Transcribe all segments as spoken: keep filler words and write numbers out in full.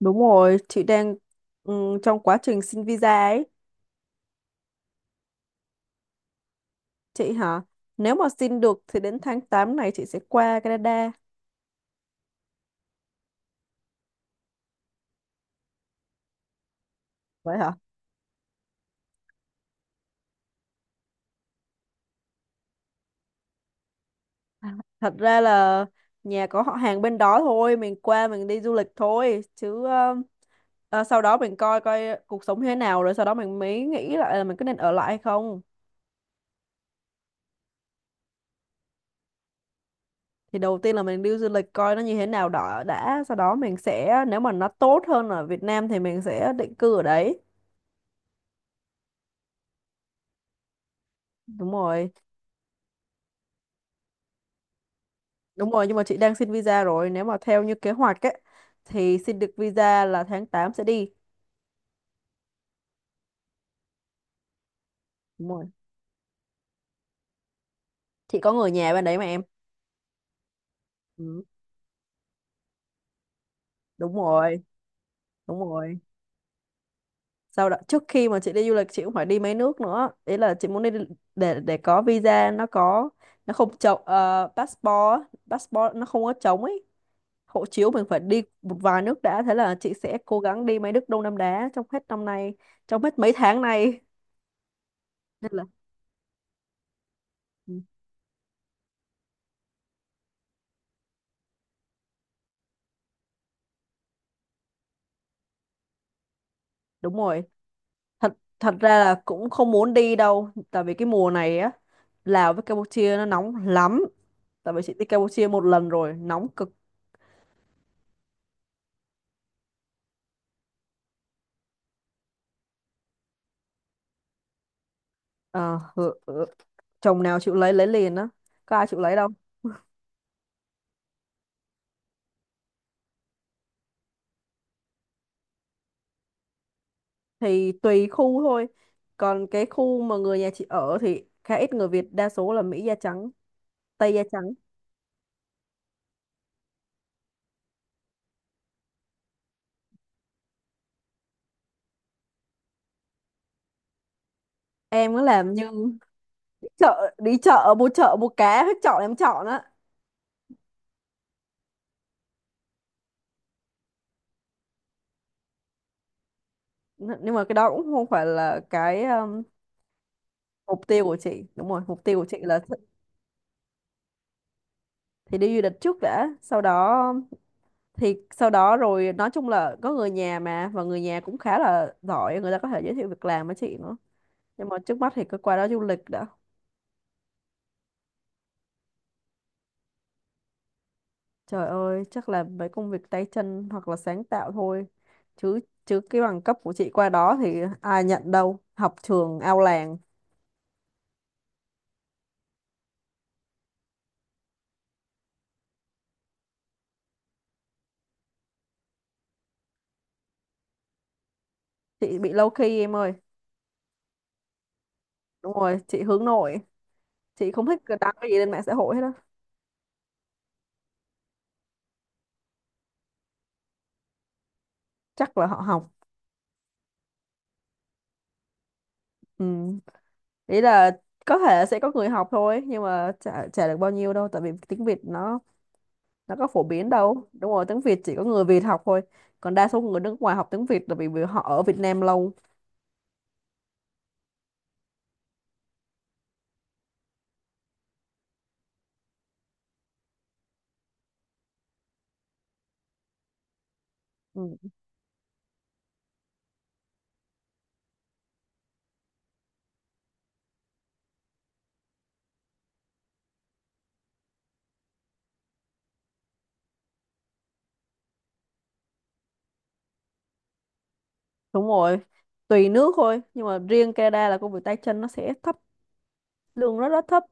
Đúng rồi, chị đang ừm, trong quá trình xin visa ấy. Chị hả? Nếu mà xin được thì đến tháng tám này chị sẽ qua Canada. Vậy hả? Thật ra là nhà có họ hàng bên đó thôi, mình qua mình đi du lịch thôi. Chứ ờ, ờ, sau đó mình coi coi cuộc sống như thế nào rồi sau đó mình mới nghĩ lại là mình có nên ở lại hay không. Thì đầu tiên là mình đi du lịch coi nó như thế nào đó đã. Sau đó mình sẽ, nếu mà nó tốt hơn ở Việt Nam thì mình sẽ định cư ở đấy. Đúng rồi. Đúng rồi, nhưng mà chị đang xin visa rồi. Nếu mà theo như kế hoạch ấy, thì xin được visa là tháng tám sẽ đi. Đúng rồi. Chị có người nhà bên đấy mà em. Ừ, đúng rồi, đúng rồi. Sau đó, trước khi mà chị đi du lịch, chị cũng phải đi mấy nước nữa. Ý là chị muốn đi để để có visa, nó có, nó không trống, ờ, passport, passport nó không có trống ấy. Hộ chiếu mình phải đi một vài nước đã. Thế là chị sẽ cố gắng đi mấy nước Đông Nam Á trong hết năm nay, trong hết mấy tháng này. Nên là, ừ, đúng rồi. Thật thật ra là cũng không muốn đi đâu, tại vì cái mùa này á, Lào với Campuchia nó nóng lắm, tại vì chị đi Campuchia một lần rồi nóng cực. Ờ, ừ, ừ, chồng nào chịu lấy lấy liền á, có ai chịu lấy đâu. Thì tùy khu thôi, còn cái khu mà người nhà chị ở thì khá ít người Việt, đa số là Mỹ da trắng, Tây da trắng. Em nó làm như chợ đi chợ mua, chợ mua cá hết chọn em chọn á. N- nhưng mà cái đó cũng không phải là cái um, mục tiêu của chị. Đúng rồi, mục tiêu của chị là thì đi du lịch trước đã, sau đó thì sau đó rồi nói chung là có người nhà mà, và người nhà cũng khá là giỏi, người ta có thể giới thiệu việc làm với chị nữa. Nhưng mà trước mắt thì cứ qua đó du lịch đã. Trời ơi, chắc là mấy công việc tay chân hoặc là sáng tạo thôi, chứ chứ cái bằng cấp của chị qua đó thì ai nhận đâu, học trường ao làng. Chị bị low key em ơi. Đúng rồi, chị hướng nội, chị không thích đăng cái gì lên mạng xã hội hết á. Chắc là họ học. Ừ. Nghĩ là có thể sẽ có người học thôi, nhưng mà chả, chả được bao nhiêu đâu, tại vì tiếng Việt nó nó có phổ biến đâu. Đúng rồi, tiếng Việt chỉ có người Việt học thôi. Còn đa số người nước ngoài học tiếng Việt là vì vì họ ở Việt Nam lâu. Ừ, đúng rồi. Tùy nước thôi, nhưng mà riêng Canada là công việc tay chân nó sẽ thấp, lương rất rất thấp,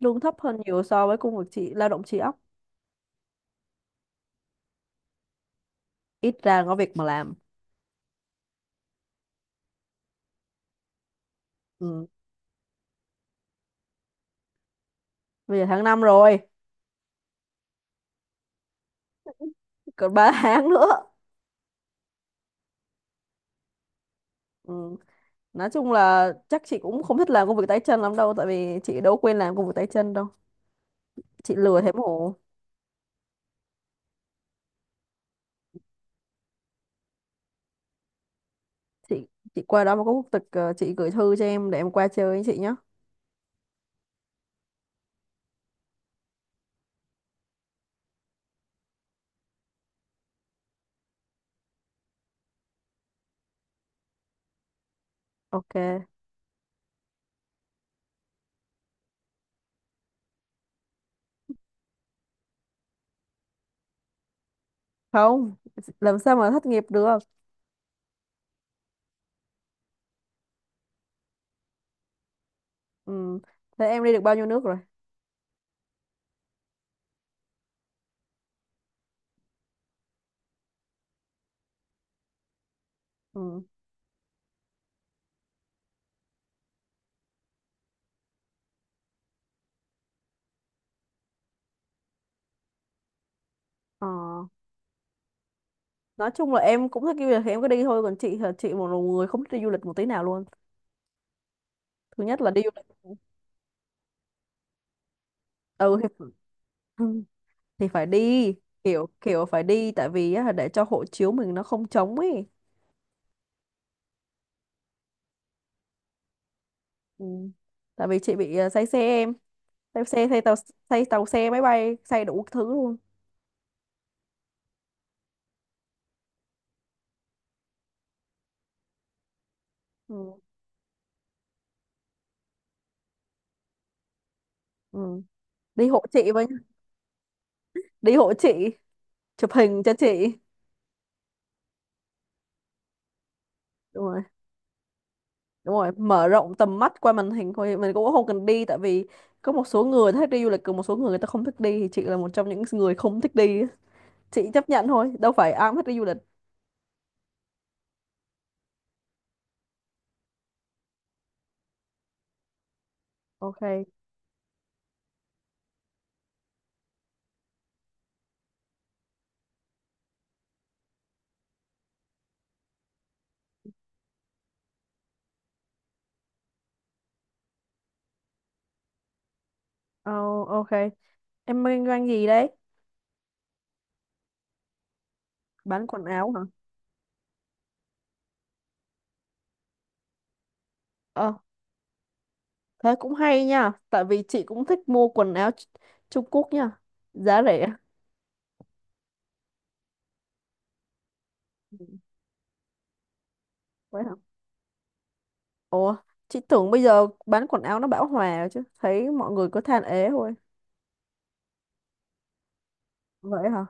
lương thấp hơn nhiều so với công việc chị lao động trí óc. Ít ra có việc mà làm. Ừ. Bây giờ tháng năm rồi, còn ba tháng nữa. Ừ. Nói chung là chắc chị cũng không thích làm công việc tay chân lắm đâu, tại vì chị đâu quên làm công việc tay chân đâu, chị lừa thế mổ. Chị chị qua đó mà có quốc tịch, ờ, chị gửi thư cho em để em qua chơi với chị nhé. Ok, không, làm sao mà thất nghiệp được. Ừ. Thế em đi được bao nhiêu nước rồi? Ừ. Ờ. Nói chung là em cũng thích đi du lịch thì em cứ đi thôi, còn chị là chị một người không thích đi du lịch một tí nào luôn. Thứ nhất là đi du lịch ừ thì, ừ, thì phải đi, kiểu kiểu phải đi tại vì á, để cho hộ chiếu mình nó không trống ấy. Ừ. Tại vì chị bị ờ, say xe em, say xe say tàu, say tàu xe máy bay say đủ thứ luôn. Ừ. Ừ. Đi hộ chị với, đi hộ chị, chụp hình cho chị. Đúng rồi, đúng rồi, mở rộng tầm mắt qua màn hình thôi, mình cũng không cần đi, tại vì có một số người thích đi du lịch, còn một số người, người ta không thích đi, thì chị là một trong những người không thích đi á. Chị chấp nhận thôi, đâu phải ai cũng thích đi du lịch. Ok. Oh, ok, em kinh doanh gì đấy? Bán quần áo hả? Ờ, thế cũng hay nha, tại vì chị cũng thích mua quần áo Ch- Trung Quốc nha, giá rẻ. Ừ, vậy hả? Ủa, chị tưởng bây giờ bán quần áo nó bão hòa chứ, thấy mọi người cứ than ế thôi. Vậy hả?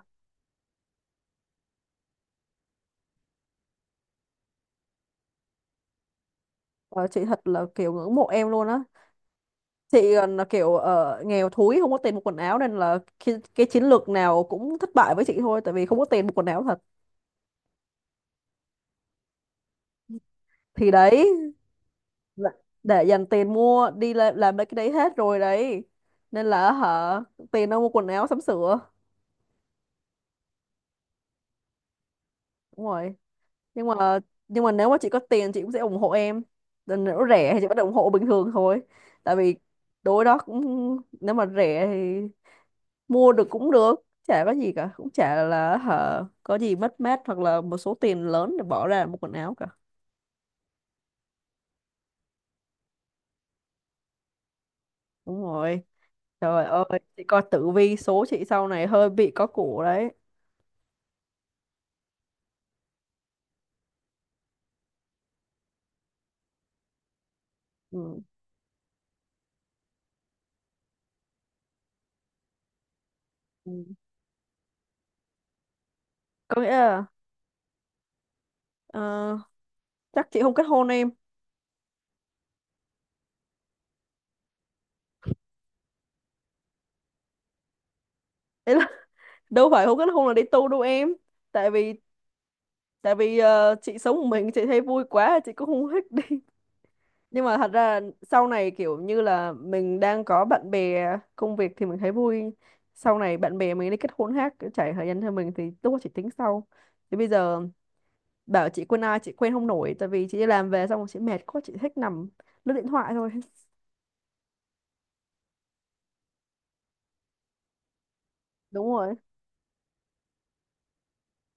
Ờ, chị thật là kiểu ngưỡng mộ em luôn á. Chị còn là kiểu ờ, nghèo thúi không có tiền mua quần áo, nên là cái, cái chiến lược nào cũng thất bại với chị thôi, tại vì không có tiền mua quần áo thật. Thì đấy, là- để dành tiền mua đi làm, làm mấy cái đấy hết rồi đấy. Nên là hả, tiền đâu mua quần áo sắm sửa. Đúng rồi. nhưng mà nhưng mà nếu mà chị có tiền chị cũng sẽ ủng hộ em. Còn nếu rẻ thì chị vẫn ủng hộ bình thường thôi, tại vì đối đó cũng, nếu mà rẻ thì mua được cũng được, chả có gì cả, cũng chả là hả có gì mất mát hoặc là một số tiền lớn để bỏ ra một quần áo cả. Đúng rồi. Trời ơi, chị coi tử vi số chị sau này hơi bị có củ đấy. Ừ. Ừ. Có nghĩa là ờ, chắc chị không kết hôn em. Ý là đâu phải không kết hôn là đi tu đâu em. Tại vì tại vì ờ, chị sống một mình chị thấy vui quá, chị cũng không thích đi. nhưng mà thật ra sau này kiểu như là mình đang có bạn bè, công việc thì mình thấy vui, sau này bạn bè mình đi kết hôn khác, trải thời gian theo mình thì lúc đó chị tính sau. Thì bây giờ bảo chị quen ai chị quen không nổi, tại vì chị đi làm về xong rồi chị mệt quá, chị thích nằm lướt điện thoại thôi. đúng rồi.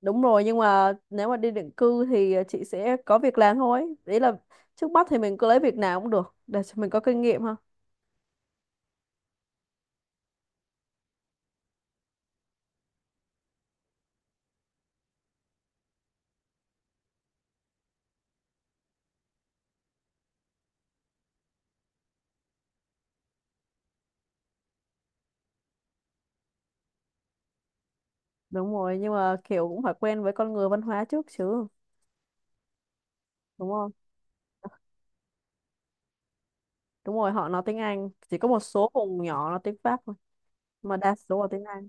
Đúng rồi, nhưng mà nếu mà đi định cư thì chị sẽ có việc làm thôi, đấy là trước mắt thì mình cứ lấy việc nào cũng được để cho mình có kinh nghiệm ha. Đúng rồi, nhưng mà kiểu cũng phải quen với con người văn hóa trước chứ, đúng không? Đúng rồi, họ nói tiếng Anh, chỉ có một số vùng nhỏ nói tiếng Pháp thôi, mà đa số là tiếng Anh.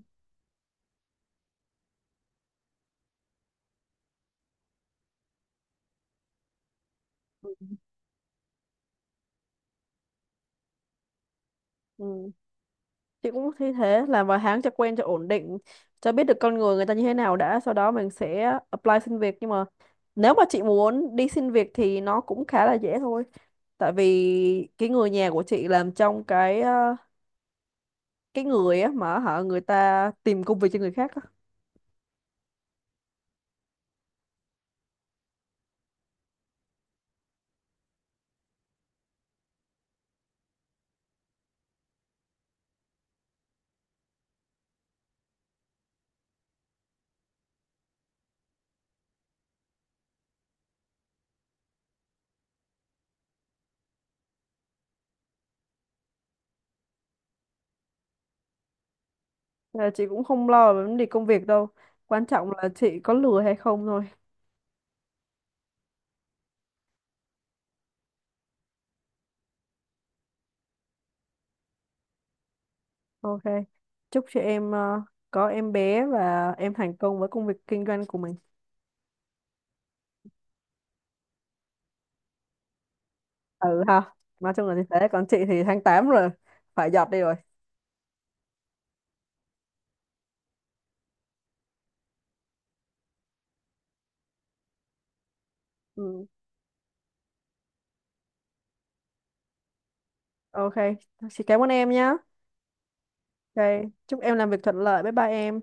Ừ. Ừ. Chị cũng thấy thế, làm vài tháng cho quen cho ổn định, cho biết được con người người ta như thế nào đã, sau đó mình sẽ apply xin việc. Nhưng mà nếu mà chị muốn đi xin việc thì nó cũng khá là dễ thôi, tại vì cái người nhà của chị làm trong cái ờ, cái người á mà hả người ta tìm công việc cho người khác á. Ờ, chị cũng không lo về vấn đề công việc đâu. Quan trọng là chị có lừa hay không thôi. Ok. Chúc chị em ờ, có em bé và em thành công với công việc kinh doanh của mình. Ừ ha. Nói chung là như thế. Còn chị thì tháng tám rồi. Phải giọt đi rồi. Ừ. Ok. Chị cảm ơn em nhá. Ok. Chúc em làm việc thuận lợi. Bye bye em.